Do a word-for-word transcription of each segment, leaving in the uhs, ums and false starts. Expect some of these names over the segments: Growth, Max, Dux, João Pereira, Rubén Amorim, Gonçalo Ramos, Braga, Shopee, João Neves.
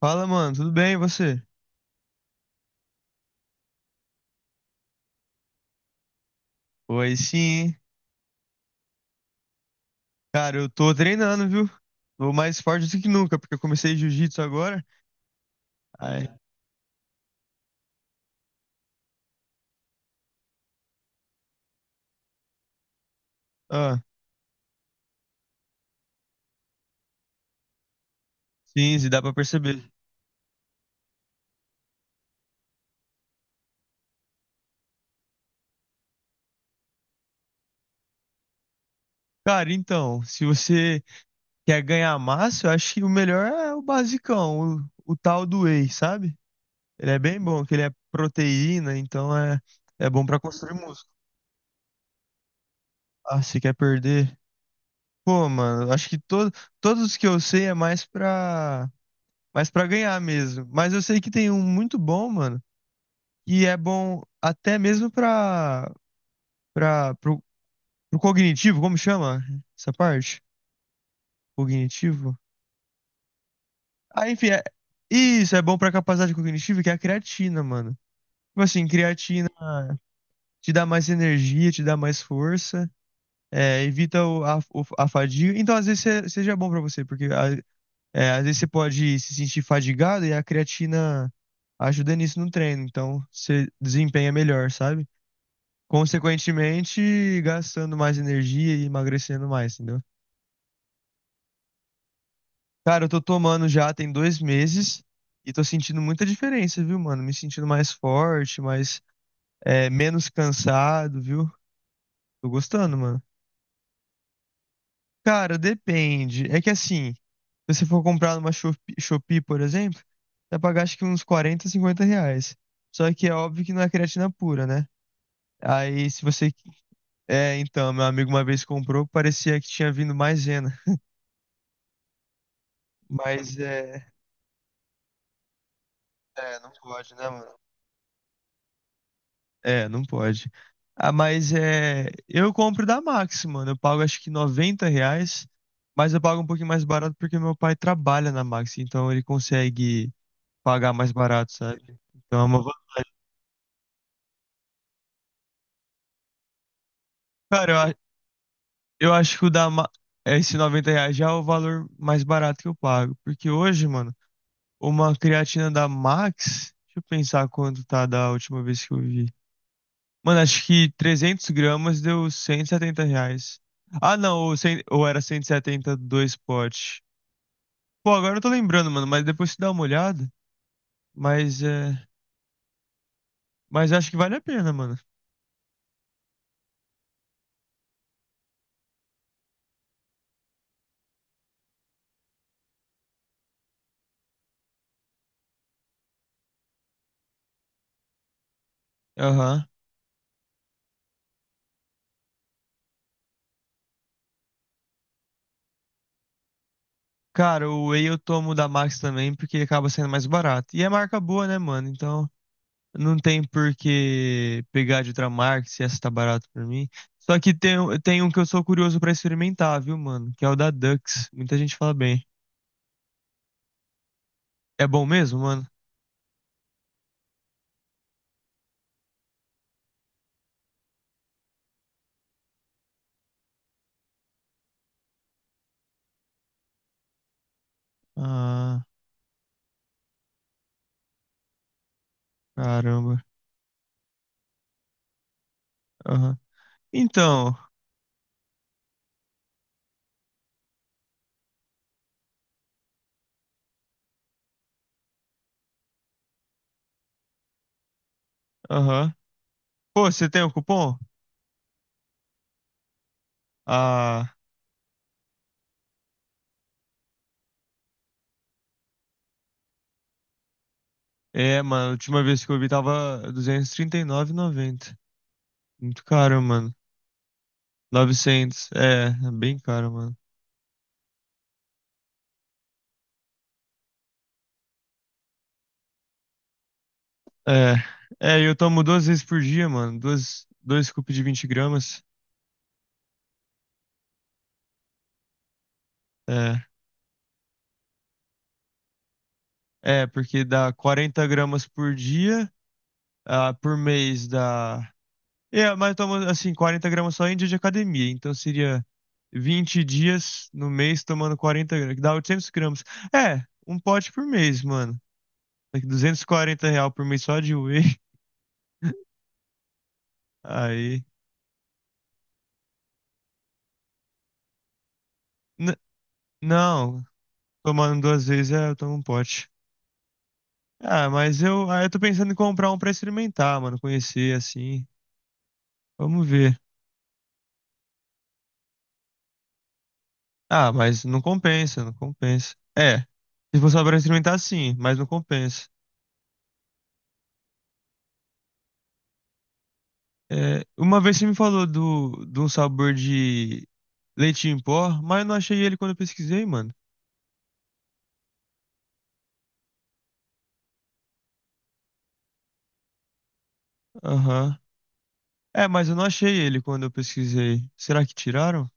Fala, mano, tudo bem e você? Oi, sim. Cara, eu tô treinando, viu? Tô mais forte do que nunca, porque eu comecei jiu-jitsu agora. Ai, ah, sim, se dá pra perceber. Cara, então, se você quer ganhar massa, eu acho que o melhor é o basicão, o, o tal do whey, sabe? Ele é bem bom, que ele é proteína, então é, é bom pra construir músculo. Ah, se quer perder? Pô, mano, acho que todo, todos os que eu sei é mais pra, mais pra ganhar mesmo. Mas eu sei que tem um muito bom, mano. E é bom até mesmo para para pro, pro cognitivo, como chama essa parte? Cognitivo? Ah, enfim, é, isso é bom para capacidade cognitiva, que é a creatina, mano. Tipo assim, creatina te dá mais energia, te dá mais força, é, evita o- a, o- a fadiga. Então, às vezes, se- seja bom para você, porque a- é, às vezes você pode se sentir fadigado e a creatina ajuda nisso no treino. Então, você desempenha melhor, sabe? Consequentemente, gastando mais energia e emagrecendo mais, entendeu? Cara, eu tô tomando já tem dois meses e tô sentindo muita diferença, viu, mano? Me sentindo mais forte, mais, é, menos cansado, viu? Tô gostando, mano. Cara, depende. É que assim, se você for comprar numa Shopee, Shopee, por exemplo, vai pagar acho que uns quarenta, cinquenta reais. Só que é óbvio que não é creatina pura, né? Aí, se você. É, então, meu amigo uma vez comprou, parecia que tinha vindo maisena. Mas é. É, não pode, né, mano? É, não pode. Ah, mas é. Eu compro da Max, mano. Eu pago acho que noventa reais, mas eu pago um pouquinho mais barato porque meu pai trabalha na Max, então ele consegue pagar mais barato, sabe? Então é uma. va- Cara, eu, a- eu acho que o da Ma... esse noventa reais já é o valor mais barato que eu pago. Porque hoje, mano, uma creatina da Max. Deixa eu pensar quanto tá da última vez que eu vi. Mano, acho que trezentos gramas deu cento e setenta reais. Ah, não, ou, cem- ou era cento e setenta dois potes. Pô, agora eu não tô lembrando, mano, mas depois você dá uma olhada. Mas é. Mas acho que vale a pena, mano. Aham. Cara, o whey eu tomo da Max também, porque ele acaba sendo mais barato. E é marca boa, né, mano? Então não tem por que pegar de outra marca se essa tá barata pra mim. Só que tem, tem um que eu sou curioso pra experimentar, viu, mano? Que é o da Dux. Muita gente fala bem. É bom mesmo, mano? Ah. Caramba. Aham. Então, aham. Pô, você tem o cupom? Ah, é, mano. A última vez que eu vi tava duzentos e e trinta e nove e noventa. Muito caro, mano. Novecentos. É, é bem caro, mano. É, é, eu tomo duas vezes por dia, mano. Duas, dois scoops de vinte gramas. É, é, porque dá quarenta gramas por dia. Ah, por mês dá. É, mas toma, assim, quarenta gramas só em dia de academia. Então seria vinte dias no mês tomando quarenta gramas, que dá oitocentas gramas. É, um pote por mês, mano. Daqui duzentos e quarenta real por mês só de whey. Aí. N- não, tomando duas vezes é, eu tomo um pote. Ah, mas eu, ah, eu tô pensando em comprar um pra experimentar, mano. Conhecer, assim. Vamos ver. Ah, mas não compensa, não compensa. É, se for só pra experimentar, sim, mas não compensa. É, uma vez você me falou do, de um sabor de leite em pó, mas eu não achei ele quando eu pesquisei, mano. Aham. É, mas eu não achei ele quando eu pesquisei. Será que tiraram?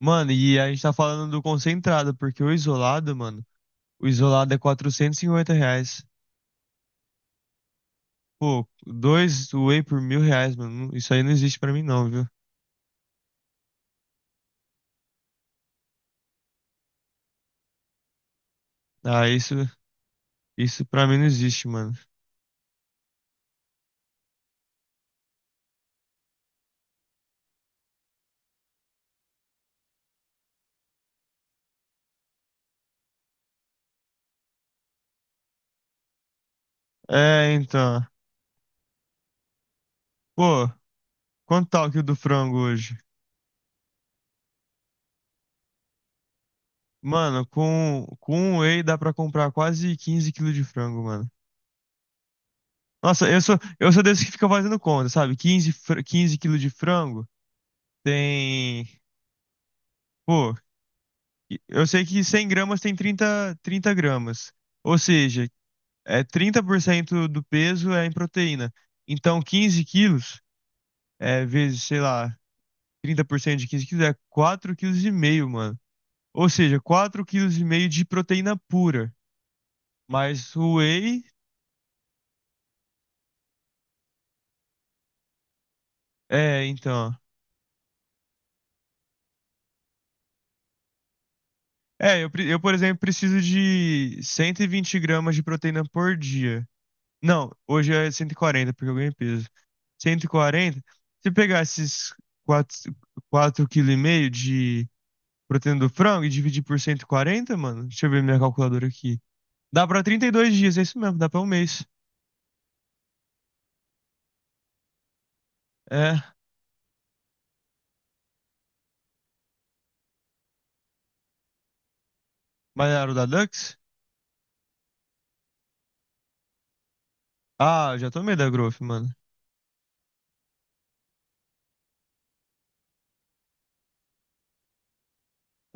Mano, e a gente tá falando do concentrado, porque o isolado, mano, o isolado é quatrocentos e cinquenta reais. Pô, dois whey por mil reais, mano. Isso aí não existe pra mim não, viu? Ah, isso, isso pra mim não existe, mano. É, então. Pô, quanto tá o quilo do frango hoje? Mano, com, com um whey dá pra comprar quase quinze quilos de frango, mano. Nossa, eu sou, eu sou desse que fica fazendo conta, sabe? quinze fr- quinze quilos de frango tem. Pô, eu sei que cem gramas tem trinta trinta gramas. Ou seja, é trinta por cento do peso é em proteína. Então, quinze quilos é vezes, sei lá, trinta por cento de quinze quilos é quatro e meio quilos, mano. Ou seja, quatro e meio quilos de proteína pura. Mas o whey. É, então. É, eu, pre- eu, por exemplo, preciso de cento e vinte gramas de proteína por dia. Não, hoje é cento e quarenta porque eu ganhei peso. Cento e quarenta. Se eu pegar esses quatro e meio kg de proteína do frango e dividir por cento e quarenta, mano, deixa eu ver minha calculadora aqui. Dá pra trinta e dois dias, é isso mesmo, dá pra um mês. É, mas era o da Dux? Ah, eu já tomei da Growth, mano.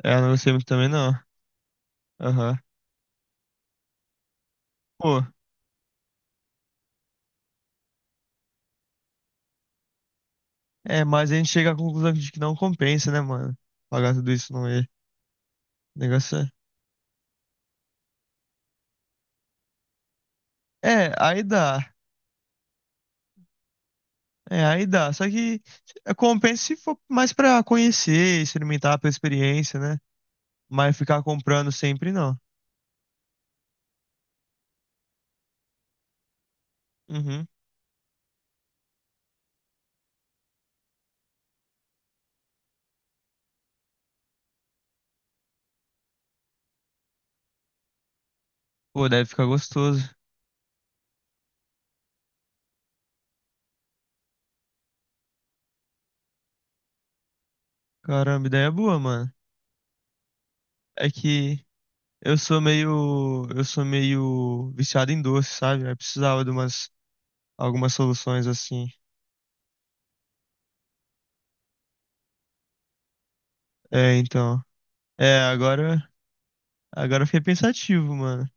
É, eu não gostei muito também, não. Aham. Pô, é, mas a gente chega à conclusão de que não compensa, né, mano? Pagar tudo isso não é. O negócio é. É, aí dá. É, aí dá. Só que é, compensa se for mais pra conhecer, experimentar pela experiência, né? Mas ficar comprando sempre não. Uhum. Pô, deve ficar gostoso. Caramba, ideia boa, mano. É que eu sou meio. Eu sou meio viciado em doce, sabe? Aí precisava de umas algumas soluções assim. É, então. É, agora. Agora eu fiquei pensativo, mano.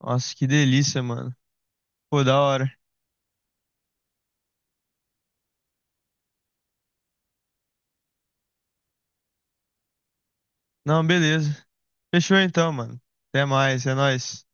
Nossa, que delícia, mano. Pô, da hora. Não, beleza. Fechou então, mano. Até mais, é nóis.